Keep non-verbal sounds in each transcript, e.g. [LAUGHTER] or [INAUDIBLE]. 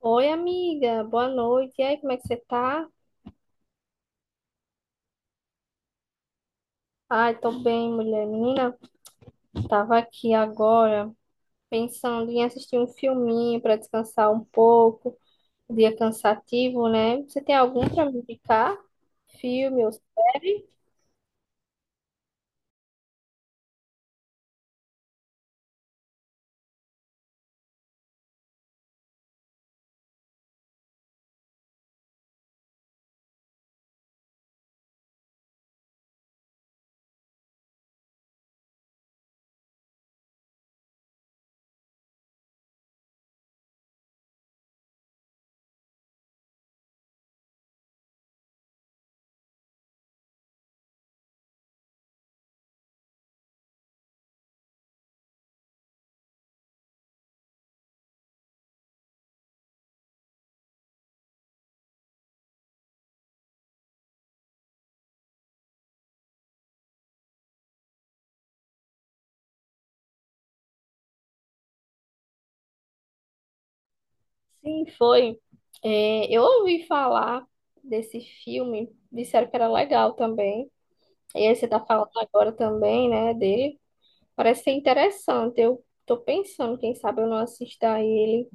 Oi, amiga, boa noite. E aí, como é que você tá? Ai, tô bem, mulher. Menina, tava aqui agora pensando em assistir um filminho pra descansar um pouco. Dia cansativo, né? Você tem algum pra me indicar? Filme ou série? Sim, foi. É, eu ouvi falar desse filme, disseram que era legal também. E aí, você tá falando agora também, né, dele. Parece ser interessante. Eu tô pensando, quem sabe eu não assista a ele.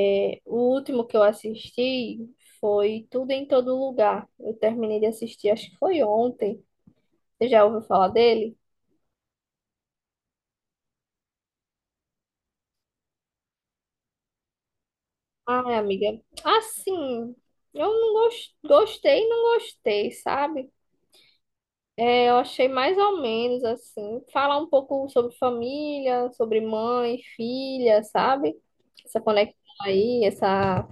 É, o último que eu assisti foi Tudo em Todo Lugar. Eu terminei de assistir, acho que foi ontem. Você já ouviu falar dele? Ai, amiga. Assim, eu gostei, e não gostei, sabe? É, eu achei mais ou menos assim. Falar um pouco sobre família, sobre mãe, filha, sabe? Essa conexão aí, essa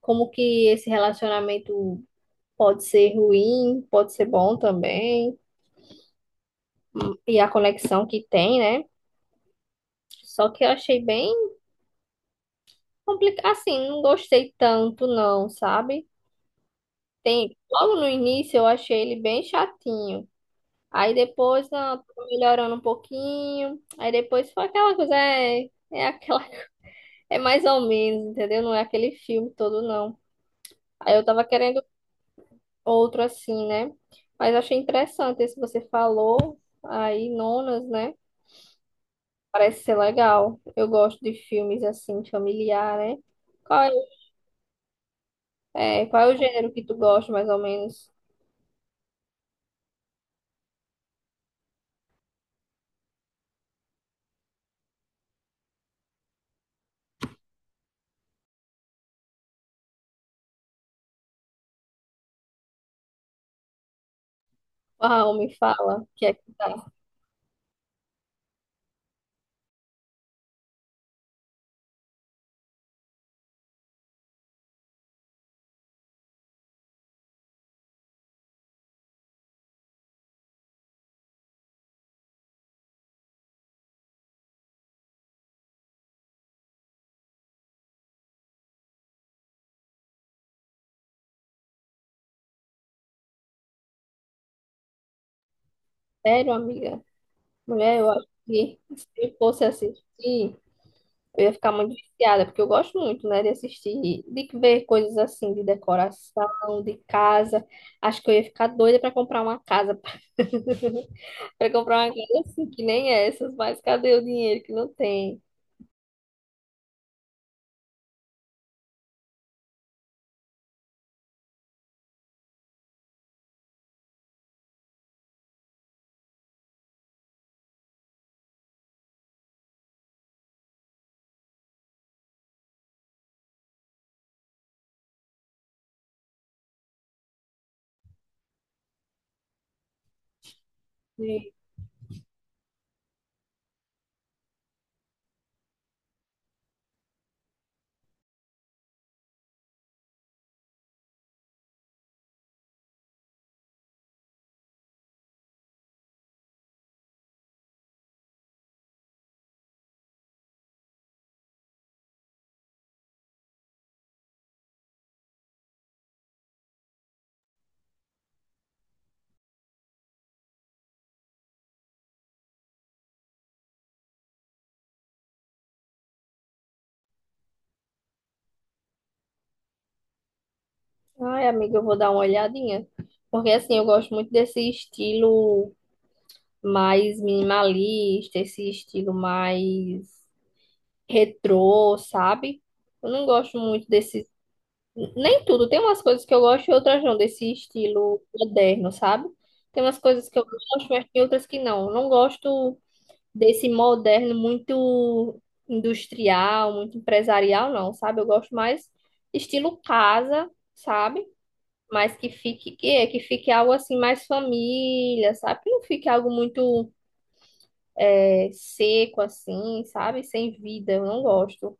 como que esse relacionamento pode ser ruim, pode ser bom também, e a conexão que tem, né? Só que eu achei bem complicado. Assim, não gostei tanto, não, sabe? Tem... Logo no início eu achei ele bem chatinho. Aí depois, não, tô melhorando um pouquinho. Aí depois foi aquela coisa, é aquela. [LAUGHS] É mais ou menos, entendeu? Não é aquele filme todo, não. Aí eu tava querendo outro assim, né? Mas achei interessante esse que você falou. Aí, nonas, né? Parece ser legal. Eu gosto de filmes assim, familiar, né? Qual é É, qual é o gênero que tu gosta, mais ou menos? Uau, me fala, que é que tá. Sério, amiga? Mulher, eu acho que se eu fosse assistir, eu ia ficar muito viciada, porque eu gosto muito, né, de assistir, de ver coisas assim, de decoração, de casa. Acho que eu ia ficar doida pra comprar uma casa. [LAUGHS] Pra comprar uma casa assim, que nem essas, mas cadê o dinheiro que não tem? E, Ai, amiga, eu vou dar uma olhadinha. Porque assim, eu gosto muito desse estilo, mais minimalista, esse estilo mais retrô, sabe? Eu não gosto muito desse. Nem tudo, tem umas coisas que eu gosto e outras não, desse estilo moderno, sabe? Tem umas coisas que eu gosto, mas tem outras que não. Eu não gosto desse moderno muito industrial, muito empresarial, não, sabe? Eu gosto mais estilo casa, sabe? Mas que fique, que fique algo assim mais família, sabe? Que não fique algo muito seco assim, sabe? Sem vida, eu não gosto.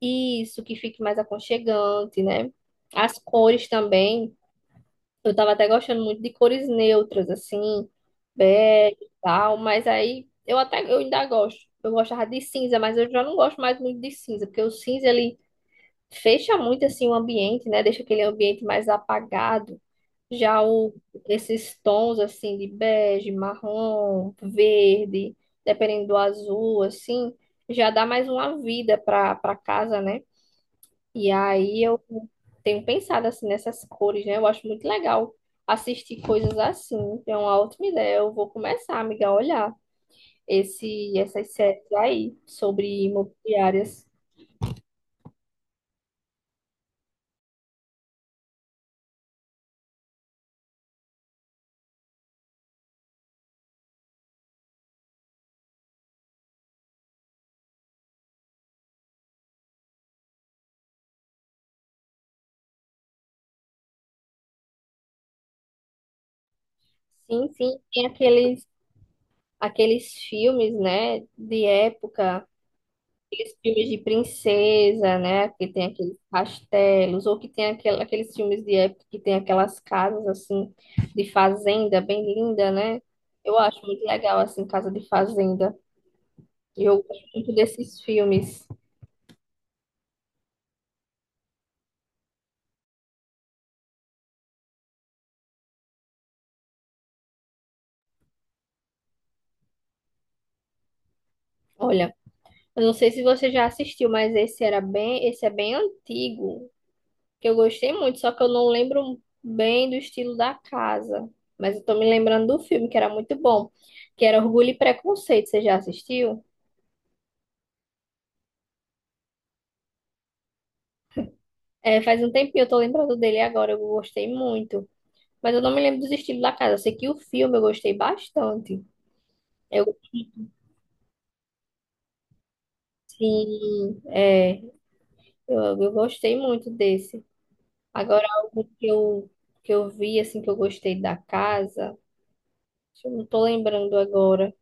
Isso, que fique mais aconchegante, né? As cores também, eu tava até gostando muito de cores neutras, assim, bege e tal, mas aí eu até, eu ainda gosto. Eu gostava de cinza, mas eu já não gosto mais muito de cinza, porque o cinza, ele fecha muito, assim, o ambiente, né? Deixa aquele ambiente mais apagado. Já o, esses tons assim de bege, marrom, verde, dependendo do azul, assim, já dá mais uma vida para casa, né? E aí eu tenho pensado assim nessas cores, né? Eu acho muito legal assistir coisas assim. É uma ótima ideia. Eu vou começar, amiga, a olhar esse essas séries aí sobre imobiliárias. Sim, sim, tem aqueles filmes, né, de época, aqueles filmes de princesa, né? Que tem aqueles castelos, ou que tem aqueles filmes de época que tem aquelas casas assim de fazenda bem linda, né? Eu acho muito legal assim casa de fazenda. Eu gosto muito desses filmes. Olha, eu não sei se você já assistiu, mas esse é bem antigo, que eu gostei muito, só que eu não lembro bem do estilo da casa. Mas eu tô me lembrando do filme, que era muito bom, que era Orgulho e Preconceito. Você já assistiu? É, faz um tempinho, eu tô lembrando dele agora, eu gostei muito. Mas eu não me lembro dos estilos da casa. Eu sei que o filme eu gostei bastante. Eu, sim, é, eu gostei muito desse. Agora, algo que eu vi, assim, que eu gostei da casa, eu não tô lembrando agora.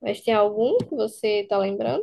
Mas tem algum que você tá lembrando?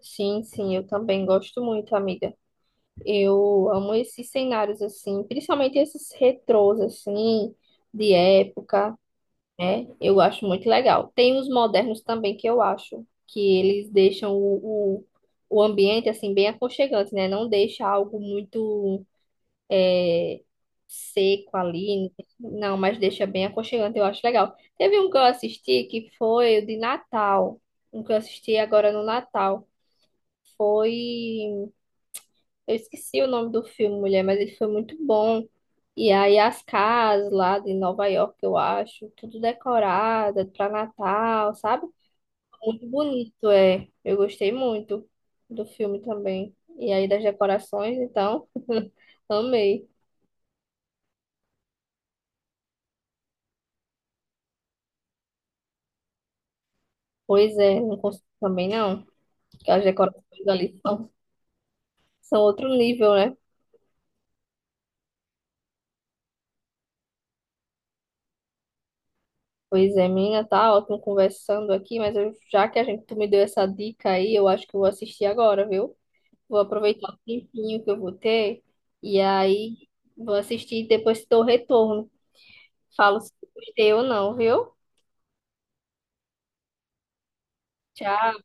Sim, sim, eu também gosto muito, amiga. Eu amo esses cenários, assim, principalmente esses retrôs, assim, de época, né? Eu acho muito legal. Tem os modernos também que eu acho que eles deixam o ambiente assim bem aconchegante, né? Não deixa algo muito seco ali, não, mas deixa bem aconchegante, eu acho legal. Teve um que eu assisti que foi o de Natal, um que eu assisti agora no Natal. Foi, eu esqueci o nome do filme, mulher, mas ele foi muito bom. E aí as casas lá de Nova York, eu acho, tudo decorada para Natal, sabe? Muito bonito, é. Eu gostei muito do filme também. E aí das decorações, então, [LAUGHS] amei. Pois é, não consigo também não, porque as decorações ali são, são outro nível, né? Pois é, menina, tá ótimo conversando aqui, mas eu, já que a gente, tu me deu essa dica aí, eu acho que eu vou assistir agora, viu? Vou aproveitar o tempinho que eu vou ter e aí vou assistir e depois te dou o retorno. Falo se eu gostei ou não, viu? Tchau.